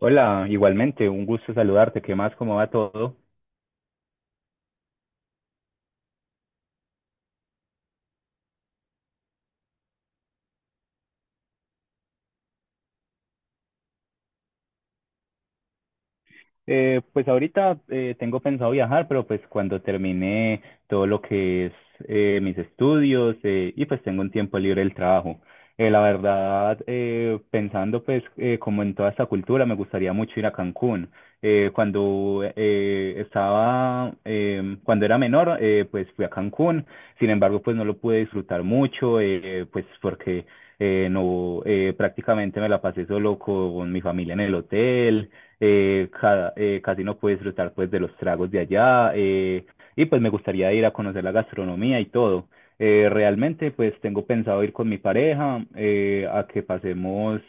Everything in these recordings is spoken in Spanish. Hola, igualmente, un gusto saludarte. ¿Qué más? ¿Cómo va todo? Pues ahorita tengo pensado viajar, pero pues cuando termine todo lo que es mis estudios y pues tengo un tiempo libre del trabajo. La verdad, pensando pues como en toda esta cultura, me gustaría mucho ir a Cancún. Cuando cuando era menor, pues fui a Cancún. Sin embargo, pues no lo pude disfrutar mucho, pues porque no, prácticamente me la pasé solo con mi familia en el hotel casi no pude disfrutar pues de los tragos de allá, y pues me gustaría ir a conocer la gastronomía y todo. Realmente pues tengo pensado ir con mi pareja a que pasemos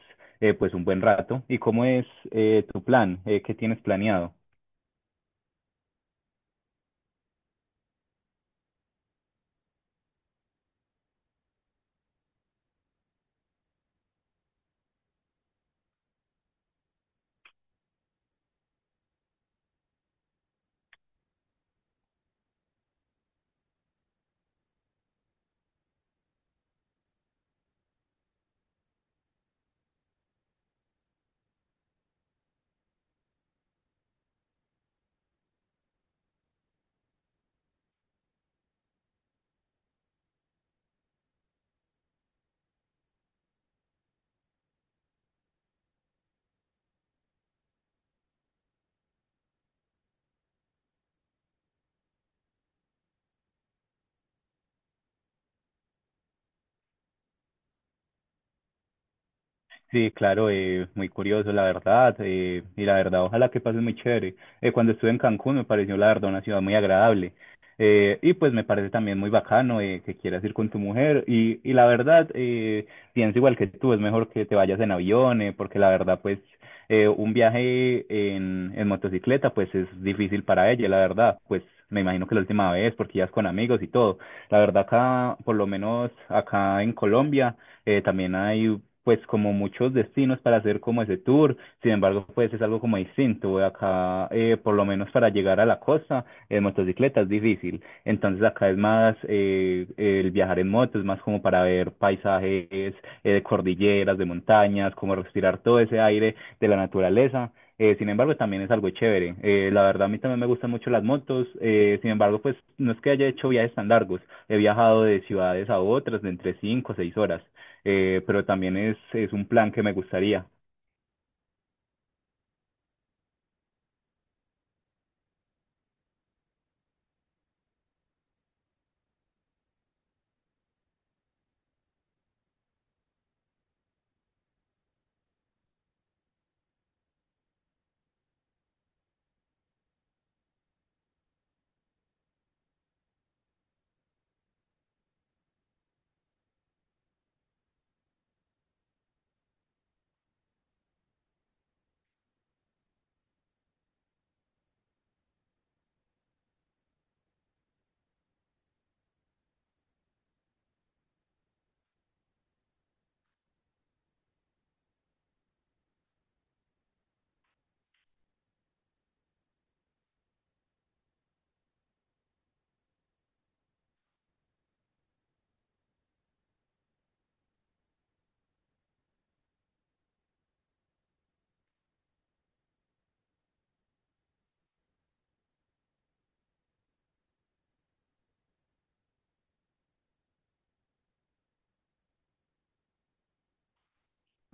pues un buen rato. ¿Y cómo es tu plan? ¿Qué tienes planeado? Sí, claro, muy curioso, la verdad, y la verdad, ojalá que pase muy chévere. Cuando estuve en Cancún me pareció, la verdad, una ciudad muy agradable. Y pues me parece también muy bacano que quieras ir con tu mujer. Y la verdad, pienso igual que tú, es mejor que te vayas en avión, porque la verdad, pues un viaje en motocicleta, pues es difícil para ella, la verdad, pues me imagino que la última vez, porque ya es con amigos y todo. La verdad, acá, por lo menos acá en Colombia, también hay pues como muchos destinos para hacer como ese tour, sin embargo pues es algo como distinto, acá por lo menos para llegar a la costa en motocicleta es difícil, entonces acá es más el viajar en moto, es más como para ver paisajes de cordilleras, de montañas, como respirar todo ese aire de la naturaleza. Sin embargo, también es algo chévere. La verdad, a mí también me gustan mucho las motos. Sin embargo, pues no es que haya hecho viajes tan largos. He viajado de ciudades a otras de entre cinco o seis horas, pero también es un plan que me gustaría.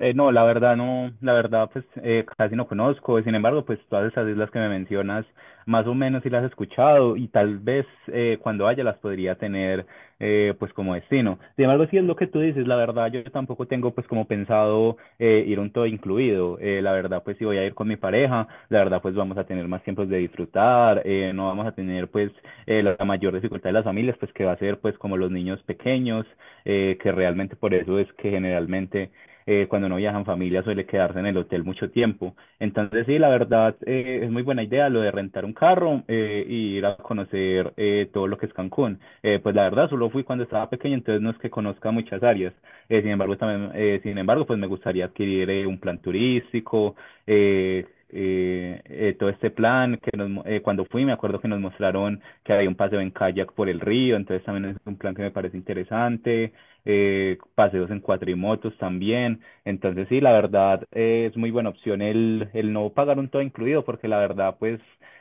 No, la verdad no, la verdad pues casi no conozco, sin embargo pues todas esas islas que me mencionas más o menos sí las he escuchado y tal vez cuando haya las podría tener pues como destino. Sin embargo sí es lo que tú dices, la verdad yo tampoco tengo pues como pensado ir un todo incluido. La verdad pues si voy a ir con mi pareja, la verdad pues vamos a tener más tiempos de disfrutar, no vamos a tener pues la mayor dificultad de las familias pues que va a ser pues como los niños pequeños, que realmente por eso es que generalmente cuando no viajan familia suele quedarse en el hotel mucho tiempo. Entonces sí, la verdad es muy buena idea lo de rentar un carro y ir a conocer todo lo que es Cancún. Pues la verdad solo fui cuando estaba pequeño, entonces no es que conozca muchas áreas. Sin embargo, pues me gustaría adquirir un plan turístico. Todo este plan que cuando fui me acuerdo que nos mostraron que había un paseo en kayak por el río, entonces también es un plan que me parece interesante, paseos en cuatrimotos también, entonces sí, la verdad es muy buena opción el no pagar un todo incluido porque la verdad pues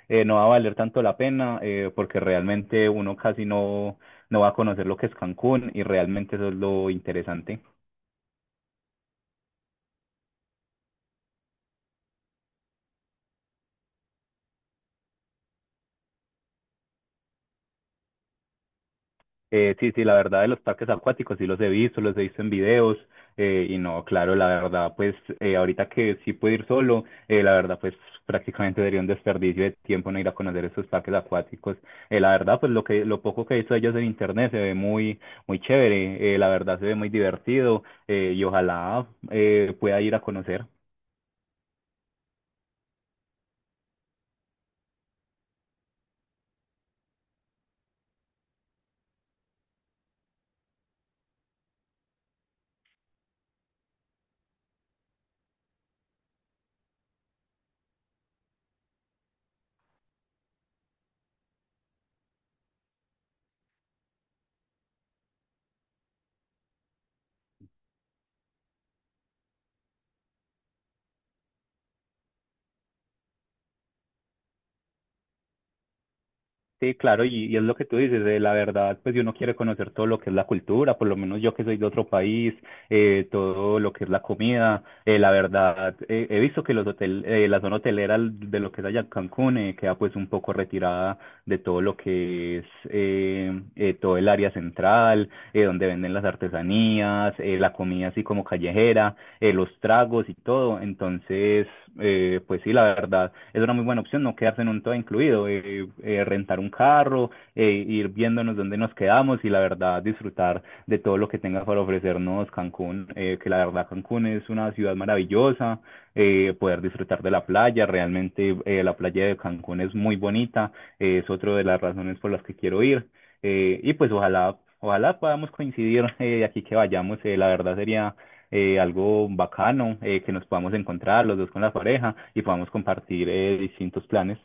no va a valer tanto la pena porque realmente uno casi no, no va a conocer lo que es Cancún y realmente eso es lo interesante. Sí, sí, la verdad de los parques acuáticos sí los he visto en videos, y no, claro, la verdad pues ahorita que sí puedo ir solo, la verdad pues prácticamente sería un desperdicio de tiempo no ir a conocer esos parques acuáticos. La verdad pues lo que lo poco que he visto de ellos en internet se ve muy muy chévere, la verdad se ve muy divertido, y ojalá pueda ir a conocer. Sí, claro, y es lo que tú dices, la verdad, pues si uno quiere conocer todo lo que es la cultura, por lo menos yo que soy de otro país, todo lo que es la comida, la verdad, he visto que los hotel, la zona hotelera de lo que es allá Cancún queda pues un poco retirada de todo lo que es todo el área central, donde venden las artesanías, la comida así como callejera, los tragos y todo, entonces pues sí, la verdad, es una muy buena opción no quedarse en un todo incluido, rentar un carro, ir viéndonos dónde nos quedamos y la verdad disfrutar de todo lo que tenga para ofrecernos Cancún, que la verdad Cancún es una ciudad maravillosa, poder disfrutar de la playa, realmente la playa de Cancún es muy bonita, es otra de las razones por las que quiero ir, y pues ojalá, ojalá podamos coincidir de aquí que vayamos. La verdad sería algo bacano, que nos podamos encontrar los dos con la pareja y podamos compartir distintos planes.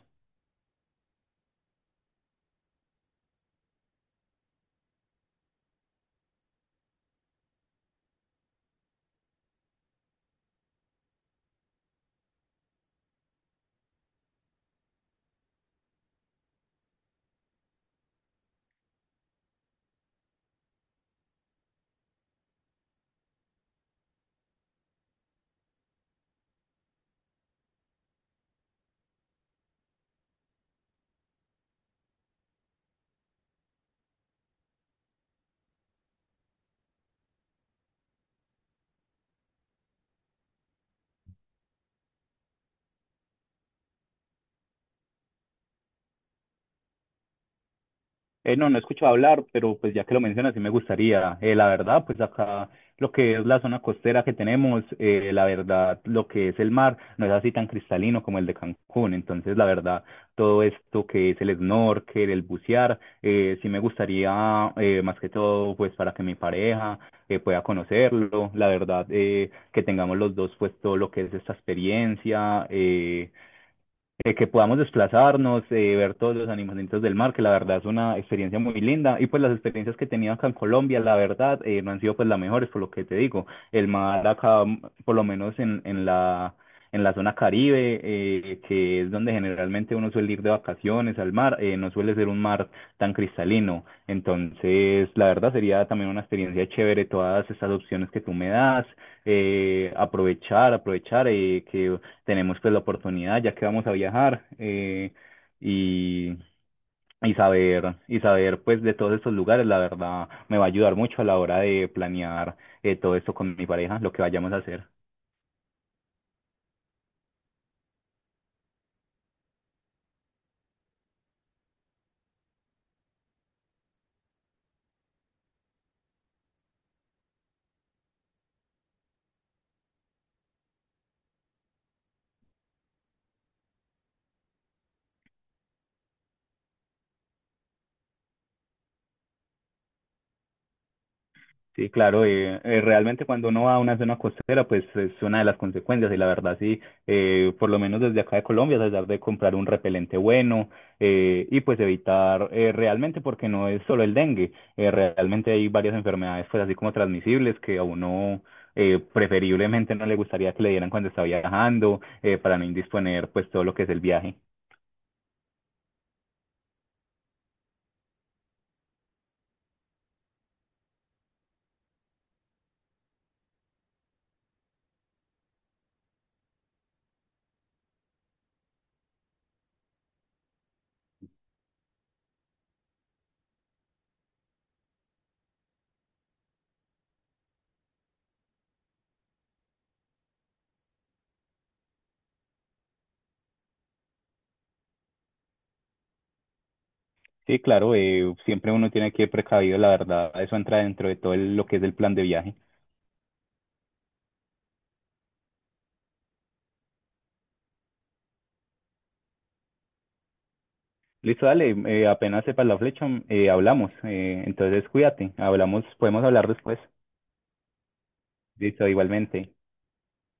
No, no he escuchado hablar, pero pues ya que lo mencionas, sí me gustaría. La verdad, pues acá lo que es la zona costera que tenemos, la verdad, lo que es el mar no es así tan cristalino como el de Cancún. Entonces, la verdad, todo esto que es el snorkel, el bucear, sí me gustaría, más que todo, pues para que mi pareja pueda conocerlo. La verdad, que tengamos los dos, pues todo lo que es esta experiencia. Que podamos desplazarnos, ver todos los animalitos del mar, que la verdad es una experiencia muy linda. Y pues las experiencias que he tenido acá en Colombia, la verdad, no han sido pues las mejores, por lo que te digo. El mar acá, por lo menos en la zona Caribe, que es donde generalmente uno suele ir de vacaciones al mar, no suele ser un mar tan cristalino. Entonces, la verdad sería también una experiencia chévere todas estas opciones que tú me das, aprovechar, aprovechar, que tenemos pues la oportunidad, ya que vamos a viajar, y, y saber pues de todos estos lugares, la verdad, me va a ayudar mucho a la hora de planear todo esto con mi pareja, lo que vayamos a hacer. Sí, claro, realmente cuando uno va a una zona costera, pues es una de las consecuencias y la verdad sí, por lo menos desde acá de Colombia, tratar de comprar un repelente bueno, y pues evitar realmente, porque no es solo el dengue, realmente hay varias enfermedades pues así como transmisibles que a uno preferiblemente no le gustaría que le dieran cuando está viajando para no indisponer pues todo lo que es el viaje. Sí, claro, siempre uno tiene que ir precavido, la verdad, eso entra dentro de todo el- lo que es el plan de viaje. Listo, dale, apenas sepas la flecha, hablamos. Entonces cuídate, hablamos, podemos hablar después. Listo, igualmente.